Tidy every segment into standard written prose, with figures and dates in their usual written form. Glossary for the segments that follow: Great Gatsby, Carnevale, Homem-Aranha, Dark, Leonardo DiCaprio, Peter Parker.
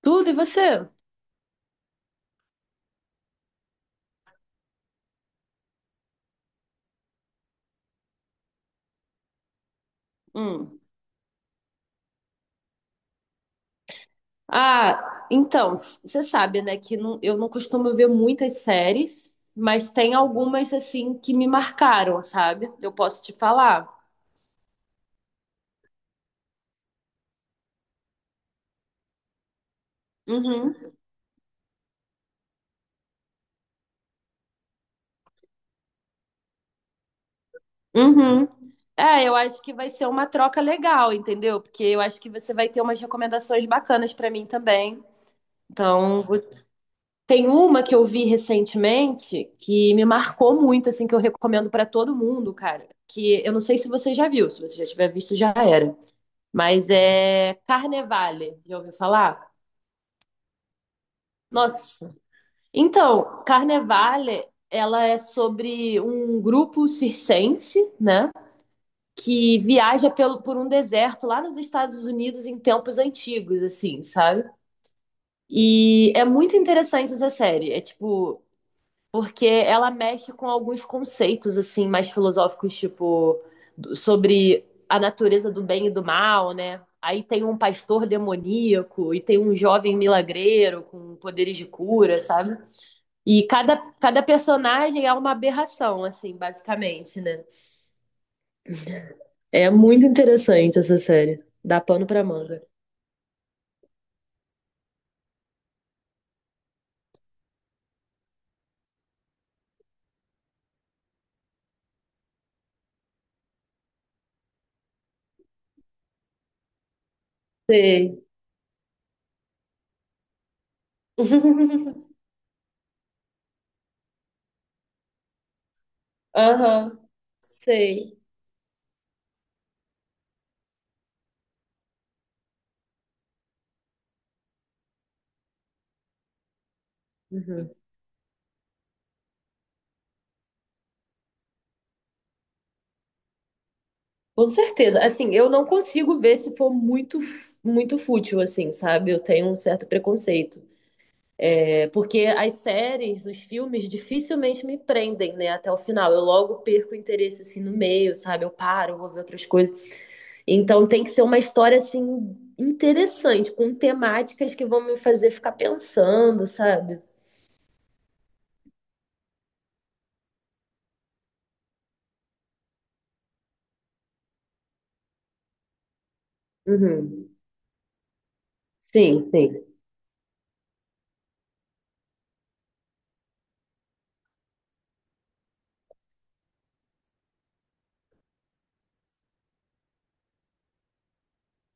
Tudo, e você? Hum. Ah, então, você sabe, né, que eu não costumo ver muitas séries, mas tem algumas, assim, que me marcaram, sabe? Eu posso te falar. Uhum, uhum. É, eu acho que vai ser uma troca legal, entendeu? Porque eu acho que você vai ter umas recomendações bacanas pra mim também. Então, tem uma que eu vi recentemente que me marcou muito, assim, que eu recomendo pra todo mundo, cara. Que eu não sei se você já viu, se você já tiver visto, já era. Mas é Carnevale, já ouviu falar? Nossa. Então, Carnevale, ela é sobre um grupo circense, né? Que viaja por um deserto lá nos Estados Unidos em tempos antigos, assim, sabe? E é muito interessante essa série. É tipo, porque ela mexe com alguns conceitos assim mais filosóficos, tipo sobre a natureza do bem e do mal, né? Aí tem um pastor demoníaco e tem um jovem milagreiro com poderes de cura, sabe? E cada personagem é uma aberração, assim, basicamente, né? É muito interessante essa série. Dá pano pra manga. Sei. Aham, sei. Uhum. Com certeza. Assim, eu não consigo ver se for muito, muito fútil, assim, sabe? Eu tenho um certo preconceito. É, porque as séries, os filmes, dificilmente me prendem, né, até o final. Eu logo perco o interesse, assim, no meio, sabe? Eu paro, vou ver outras coisas. Então tem que ser uma história, assim, interessante, com temáticas que vão me fazer ficar pensando, sabe? Uhum. Sim, sim.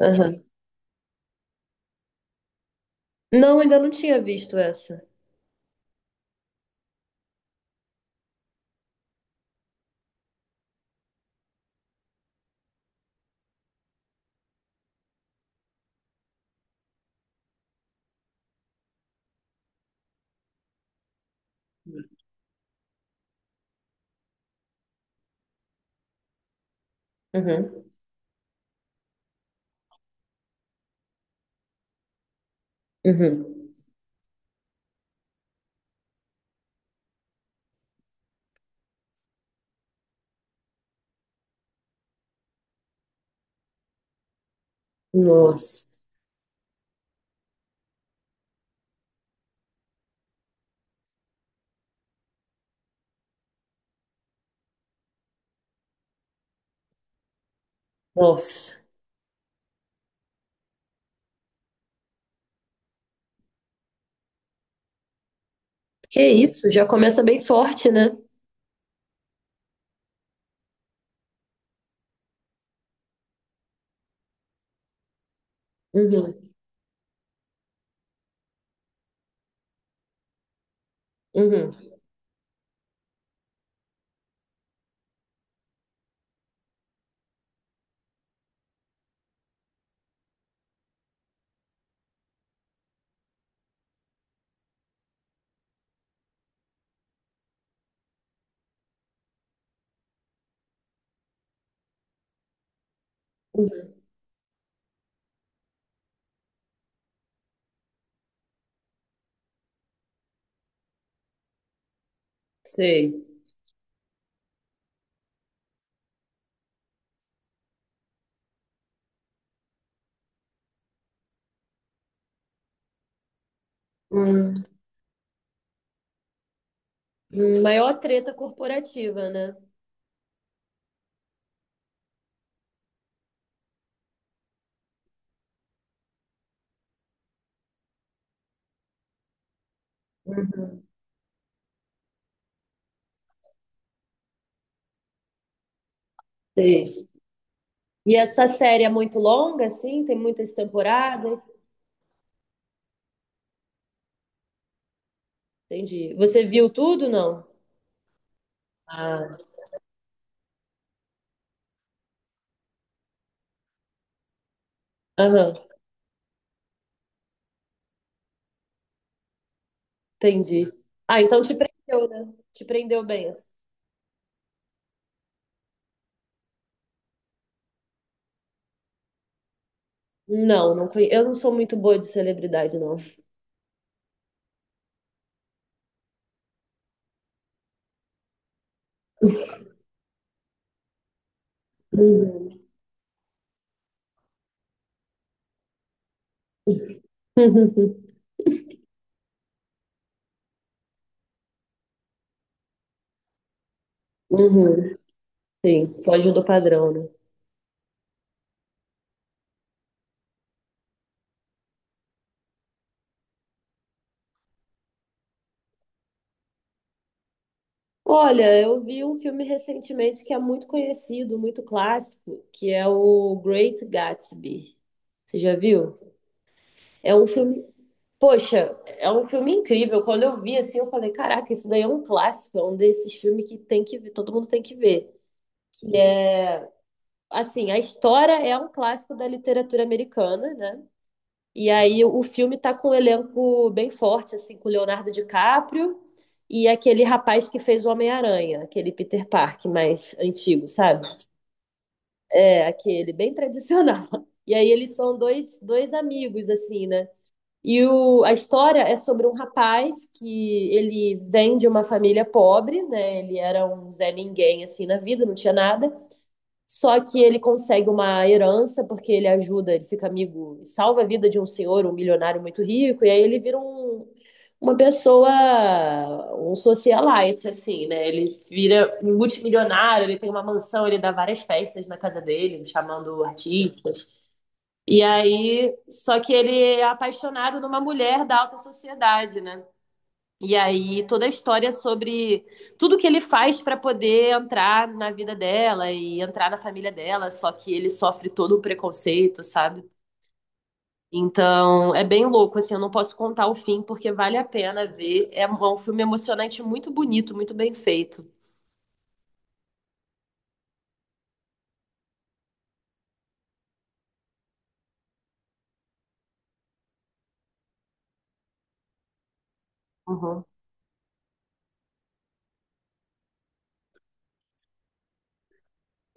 Aham. Não, ainda não tinha visto essa. Uhum. Uhum. Nossa. Nossa, que isso? Já começa bem forte, né? Uhum, uhum, uhum. Sei. Hum, maior treta corporativa, né? Uhum, sei. E essa série é muito longa, assim? Tem muitas temporadas? Entendi. Você viu tudo, não? Ah, aham, entendi. Ah, então te prendeu, né? Te prendeu bem. Assim. Não, não eu não sou muito boa de celebridade, não. Uhum. Uhum. Sim, foge do padrão, né? Olha, eu vi um filme recentemente que é muito conhecido, muito clássico, que é o Great Gatsby. Você já viu? É um filme, poxa, é um filme incrível. Quando eu vi assim, eu falei, caraca, isso daí é um clássico, é um desses filmes que tem que ver, todo mundo tem que ver. Que é, assim, a história é um clássico da literatura americana, né? E aí o filme tá com um elenco bem forte, assim, com o Leonardo DiCaprio e aquele rapaz que fez o Homem-Aranha, aquele Peter Parker mais antigo, sabe? É, aquele bem tradicional. E aí eles são dois amigos, assim, né? E a história é sobre um rapaz que ele vem de uma família pobre, né? Ele era um Zé Ninguém, assim, na vida, não tinha nada. Só que ele consegue uma herança porque ele ajuda, ele fica amigo, salva a vida de um senhor, um milionário muito rico, e aí ele vira um, uma pessoa, um socialite, assim, né? Ele vira um multimilionário, ele tem uma mansão, ele dá várias festas na casa dele, chamando artistas. E aí, só que ele é apaixonado numa mulher da alta sociedade, né? E aí toda a história sobre tudo que ele faz para poder entrar na vida dela e entrar na família dela, só que ele sofre todo o preconceito, sabe? Então é bem louco, assim, eu não posso contar o fim porque vale a pena ver. É um filme emocionante, muito bonito, muito bem feito. Uhum.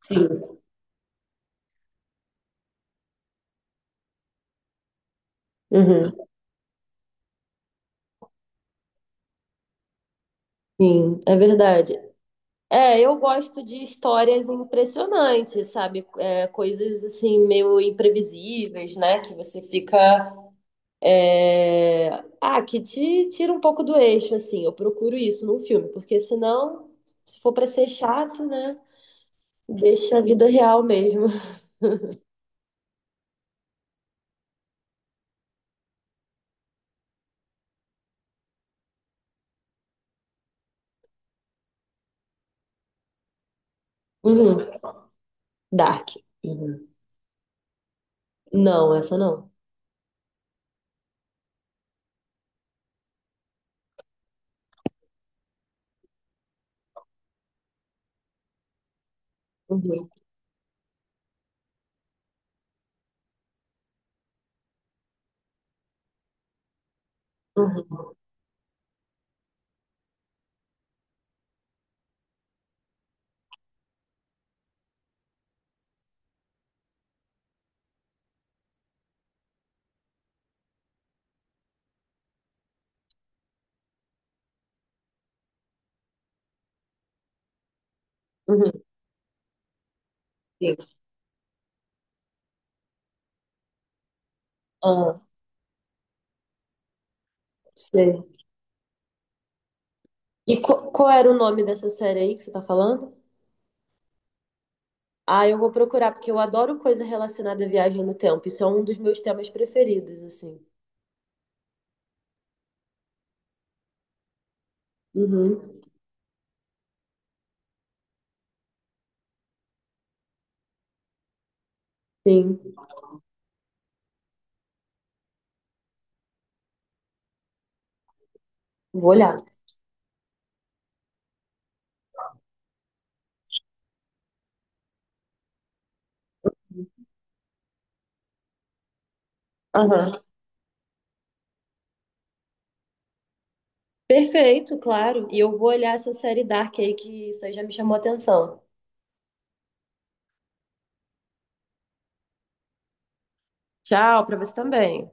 Sim, uhum. Sim, é verdade. É, eu gosto de histórias impressionantes, sabe? É, coisas assim meio imprevisíveis, né? Que você fica É, ah, que te tira um pouco do eixo, assim. Eu procuro isso num filme, porque senão, se for pra ser chato, né? Deixa a vida real mesmo. Uhum. Dark. Uhum. Não, essa não. Uhum. Uhum. Uhum. Sim. Ah, sei. E qual era o nome dessa série aí que você tá falando? Ah, eu vou procurar, porque eu adoro coisa relacionada à viagem no tempo. Isso é um dos meus temas preferidos, assim. Uhum. Sim, vou olhar. Aham. Perfeito, claro. E eu vou olhar essa série Dark aí, que isso aí já me chamou a atenção. Tchau, pra você também.